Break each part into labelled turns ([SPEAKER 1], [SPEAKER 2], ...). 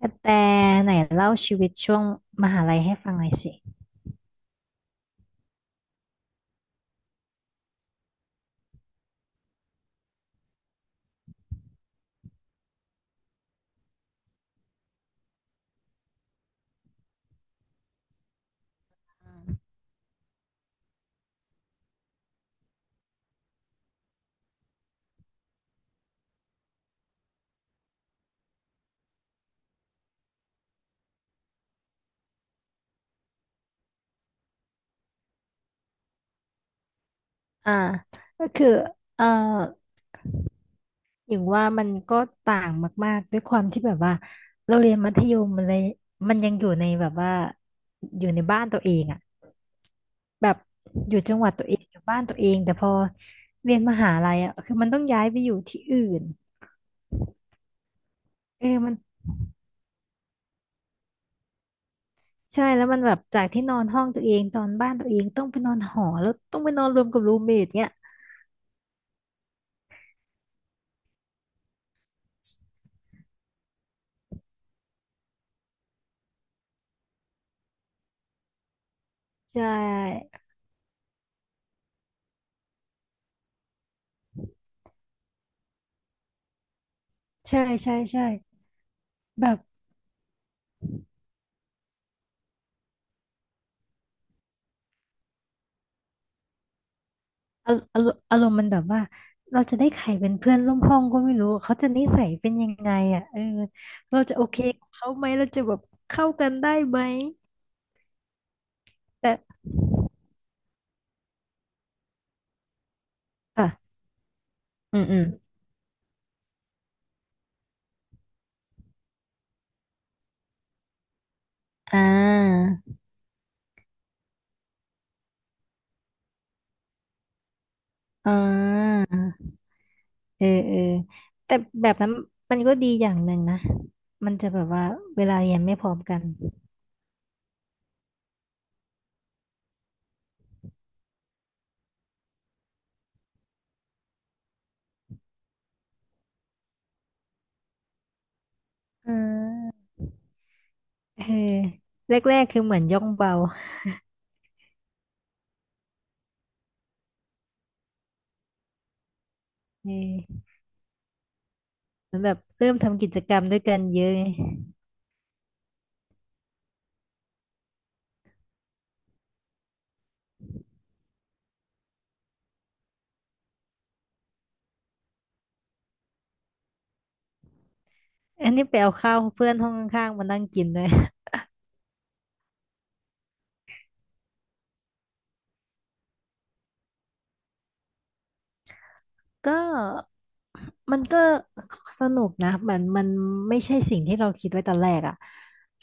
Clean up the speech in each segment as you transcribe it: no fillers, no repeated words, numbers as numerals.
[SPEAKER 1] กระแตไหนเล่าชีวิตช่วงมหาลัยให้ฟังหน่อยสิอ่าก็คือเอ่ออย่างว่ามันก็ต่างมากๆด้วยความที่แบบว่าเราเรียนมัธยมมันเลยมันยังอยู่ในแบบว่าอยู่ในบ้านตัวเองอ่ะแบบอยู่จังหวัดตัวเองอยู่บ้านตัวเอง แต่พอเรียนมหาลัยอ่ะคือมันต้องย้ายไปอยู่ที่อื่น เออมันใช่แล้วมันแบบจากที่นอนห้องตัวเองตอนบ้านตัวเองต้องไปนอนหอแล้วต้องไปนอนรวมกับรูมเมทเนี้ยใช่ใช่ใช่แบบอารมณ์มันแบบว่าเราจะได้ใครเป็นเพื่อนร่วมห้องก็ไม่รู้เขาจะนิสัยเป็นยังไงอ่ะเออเราจะโอเคกับเขาไหมเราจะแบบเข้ากันได้ไหมแต่อ่ะอืมอืมอ่าอ่าเออเออแต่แบบนั้นมันก็ดีอย่างหนึ่งนะมันจะแบบว่าเวลาเรียนไม่พร้อมกัน อ่าเออแรกๆคือเหมือนย่องเบาเออเหมือนแบบเริ่มทำกิจกรรมด้วยกันเยอะไงอันนี้ไปเอาข้าวเพื่อนห้องข้างๆมานั่งกินด้วย ก็มันก็สนุกนะมันไม่ใช่สิ่งที่เราคิดไว้ตอนแรกอ่ะ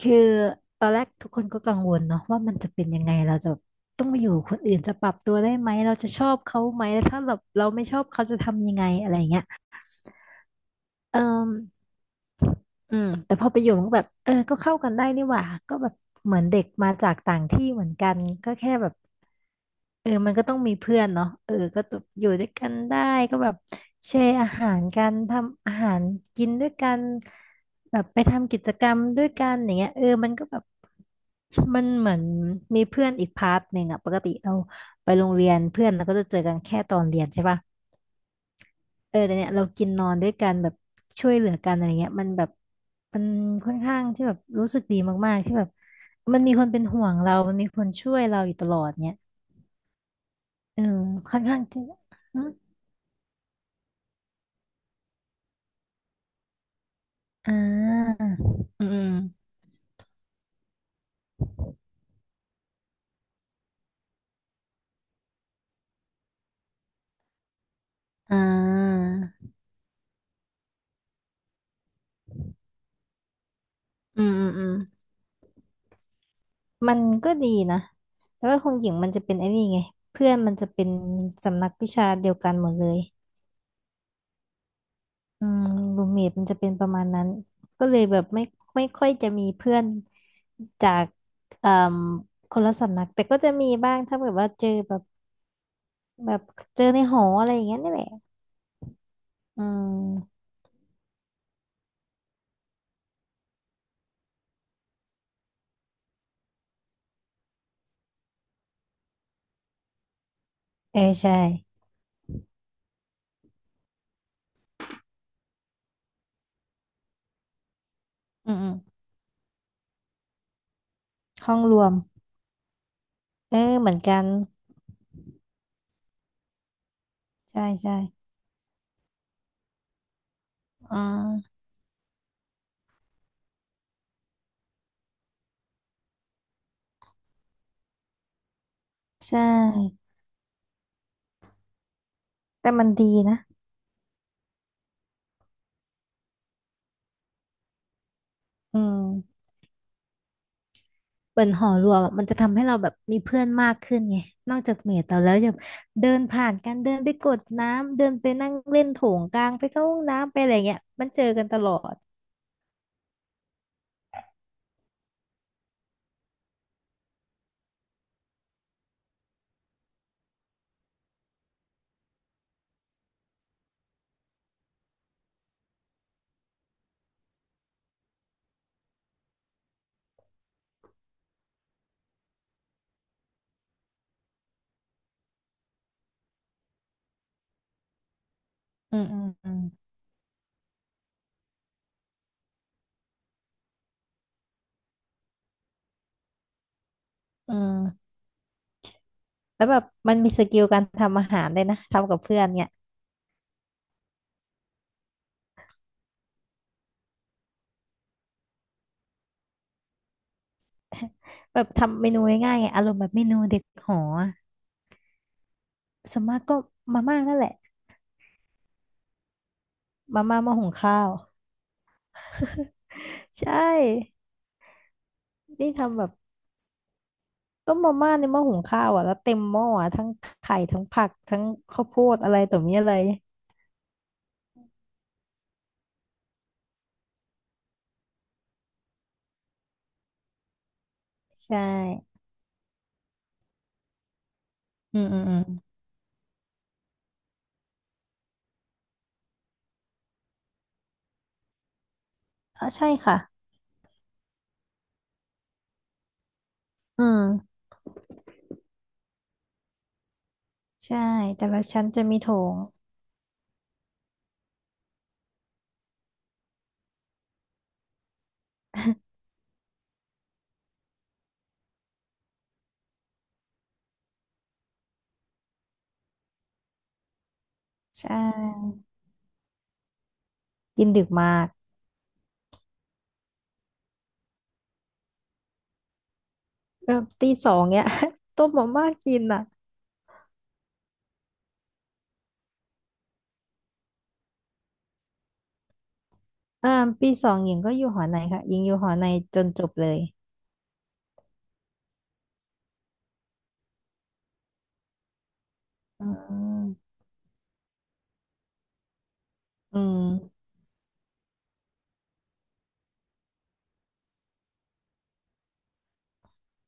[SPEAKER 1] คือตอนแรกทุกคนก็กังวลเนาะว่ามันจะเป็นยังไงเราจะต้องมาอยู่กับคนอื่นจะปรับตัวได้ไหมเราจะชอบเขาไหมแล้วถ้าแบบเราไม่ชอบเขาจะทำยังไงอะไรยงเงี้ยเออ อืมแต่พอไปอยู่มันก็แบบเออก็เข้ากันได้นี่หว่าก็แบบเหมือนเด็กมาจากต่างที่เหมือนกันก็แค่แบบเออมันก็ต้องมีเพื่อนเนาะเออก็อยู่ด้วยกันได้ก็แบบแชร์อาหารกันทำอาหารกินด้วยกันแบบไปทำกิจกรรมด้วยกันอย่างเงี้ยเออมันก็แบบมันเหมือนมีเพื่อนอีกพาร์ทหนึ่งอะปกติเราไปโรงเรียนเพื่อนเราก็จะเจอกันแค่ตอนเรียนใช่ปะ เออแต่เนี่ยเรากินนอนด้วยกันแบบช่วยเหลือกันอะไรเงี้ยมันแบบมันค่อนข้างที่แบบรู้สึกดีมากๆที่แบบมันมีคนเป็นห่วงเรามันมีคนช่วยเราอยู่ตลอดเนี่ยเออค่อนข้างที่อืมอ่าอืมอืมอ่าอืมอืมอืมมันก็ดีนะแต่ว่าคงหญิงมันจะเป็นไอ้นี่ไงเพื่อนมันจะเป็นสำนักวิชาเดียวกันหมดเลย อืมรูมเมทมันจะเป็นประมาณนั้น ก็เลยแบบไม่ค่อยจะมีเพื่อนจากเอ่มคนละสำนักแต่ก็จะมีบ้างถ้าแบบว่าเจอแบบแบบเจอในหออะไรอย่างเงี้ยนี่แหละ อืมเออใช่อืมอืมห้องรวมเออเหมือนกัน ใช่ใช่อ่าใช่แต่มันดีนะอืม เหมือนหอรวมอะมันจะทำให้เราแบบมีเพื่อนมากขึ้นไงนอกจากเมทเราแล้วยังเดินผ่านกันเดินไปกดน้ำเดินไปนั่งเล่นโถงกลางไปเข้าห้องน้ำไปอะไรเงี้ยมันเจอกันตลอดอืมอืมอืมอืมแล้วแบบมันมีสกิลการทำอาหารเ้ยนะทำกับเพื่อนเนี่ย แบบทำเมนูง่ายๆไงอารมณ์แบบเมนูเด็กหออะส่วนมากก็มาม่านั่นแหละมาม่าหมาหุงข้าวใช่นี่ทำแบบ ต้มมาม่าในหม้อหุงข้าวอ่ะแล้วเต็มหม้ออ่ะทั้งไข่ทั้งผักทั้งข้าวโพดอะไรต่อมีอะไรใช่อืมอืมอืมอ๋อใช่ค่ะอืมใช่แต่ละชั้นจะมีโถงใช่กินดึกมากแบบตีสองเนี่ย ต้มมาม่ากินอ่ะอ่าปีสองหญิงก็อยู่หอในค่ะหญิงอยู่หอในจนจบเลยอืมอืม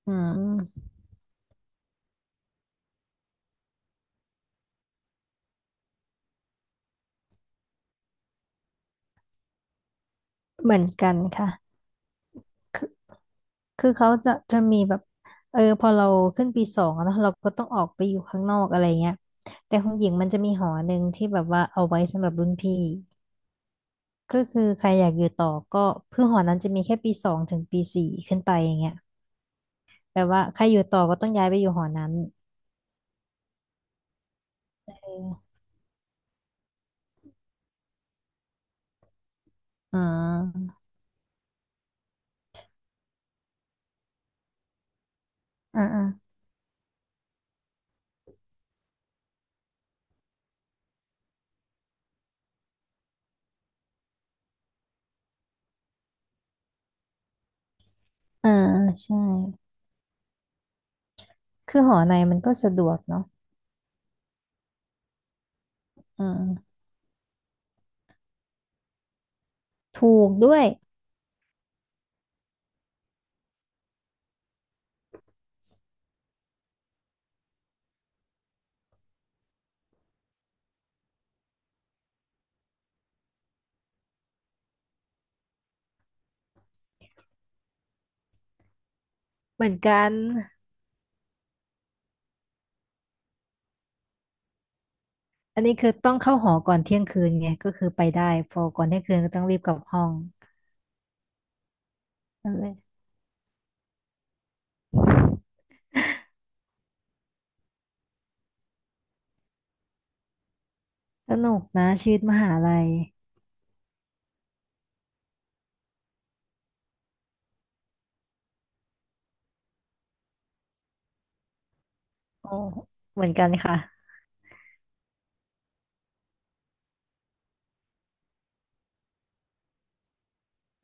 [SPEAKER 1] อืมเหมือนกันค่ะ คือเขาจะมีแบบเออพอเราขึ้นปีสองอะเนอะเราก็ต้องออกไปอยู่ข้างนอกอะไรเงี้ยแต่ของหญิงมันจะมีหอหนึ่งที่แบบว่าเอาไว้สำหรับรุ่นพี่ก็คือใครอยากอยู่ต่อก็คือหอนั้นจะมีแค่ปีสองถึงปี 4ขึ้นไปอย่างเงี้ยแปลว่าใครอยู่ต่อก็ต้องย้ายไปอยู่หอนั้นเอืมอ่าอ่าอ่าใช่คือหอในมันก็สะดวกเนาะอืมถูกด้วยเหมือนกันอันนี้คือต้องเข้าหอก่อนเที่ยงคืนไงก็คือไปได้พอก่อนเที่ยงคืนก็ต้องรีบกลับห้อง นั่นแหละสนุกนะชีวิตมหาลัยโอ้เหมือนกันค่ะ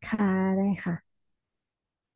[SPEAKER 1] ค่ะได้ค่ะ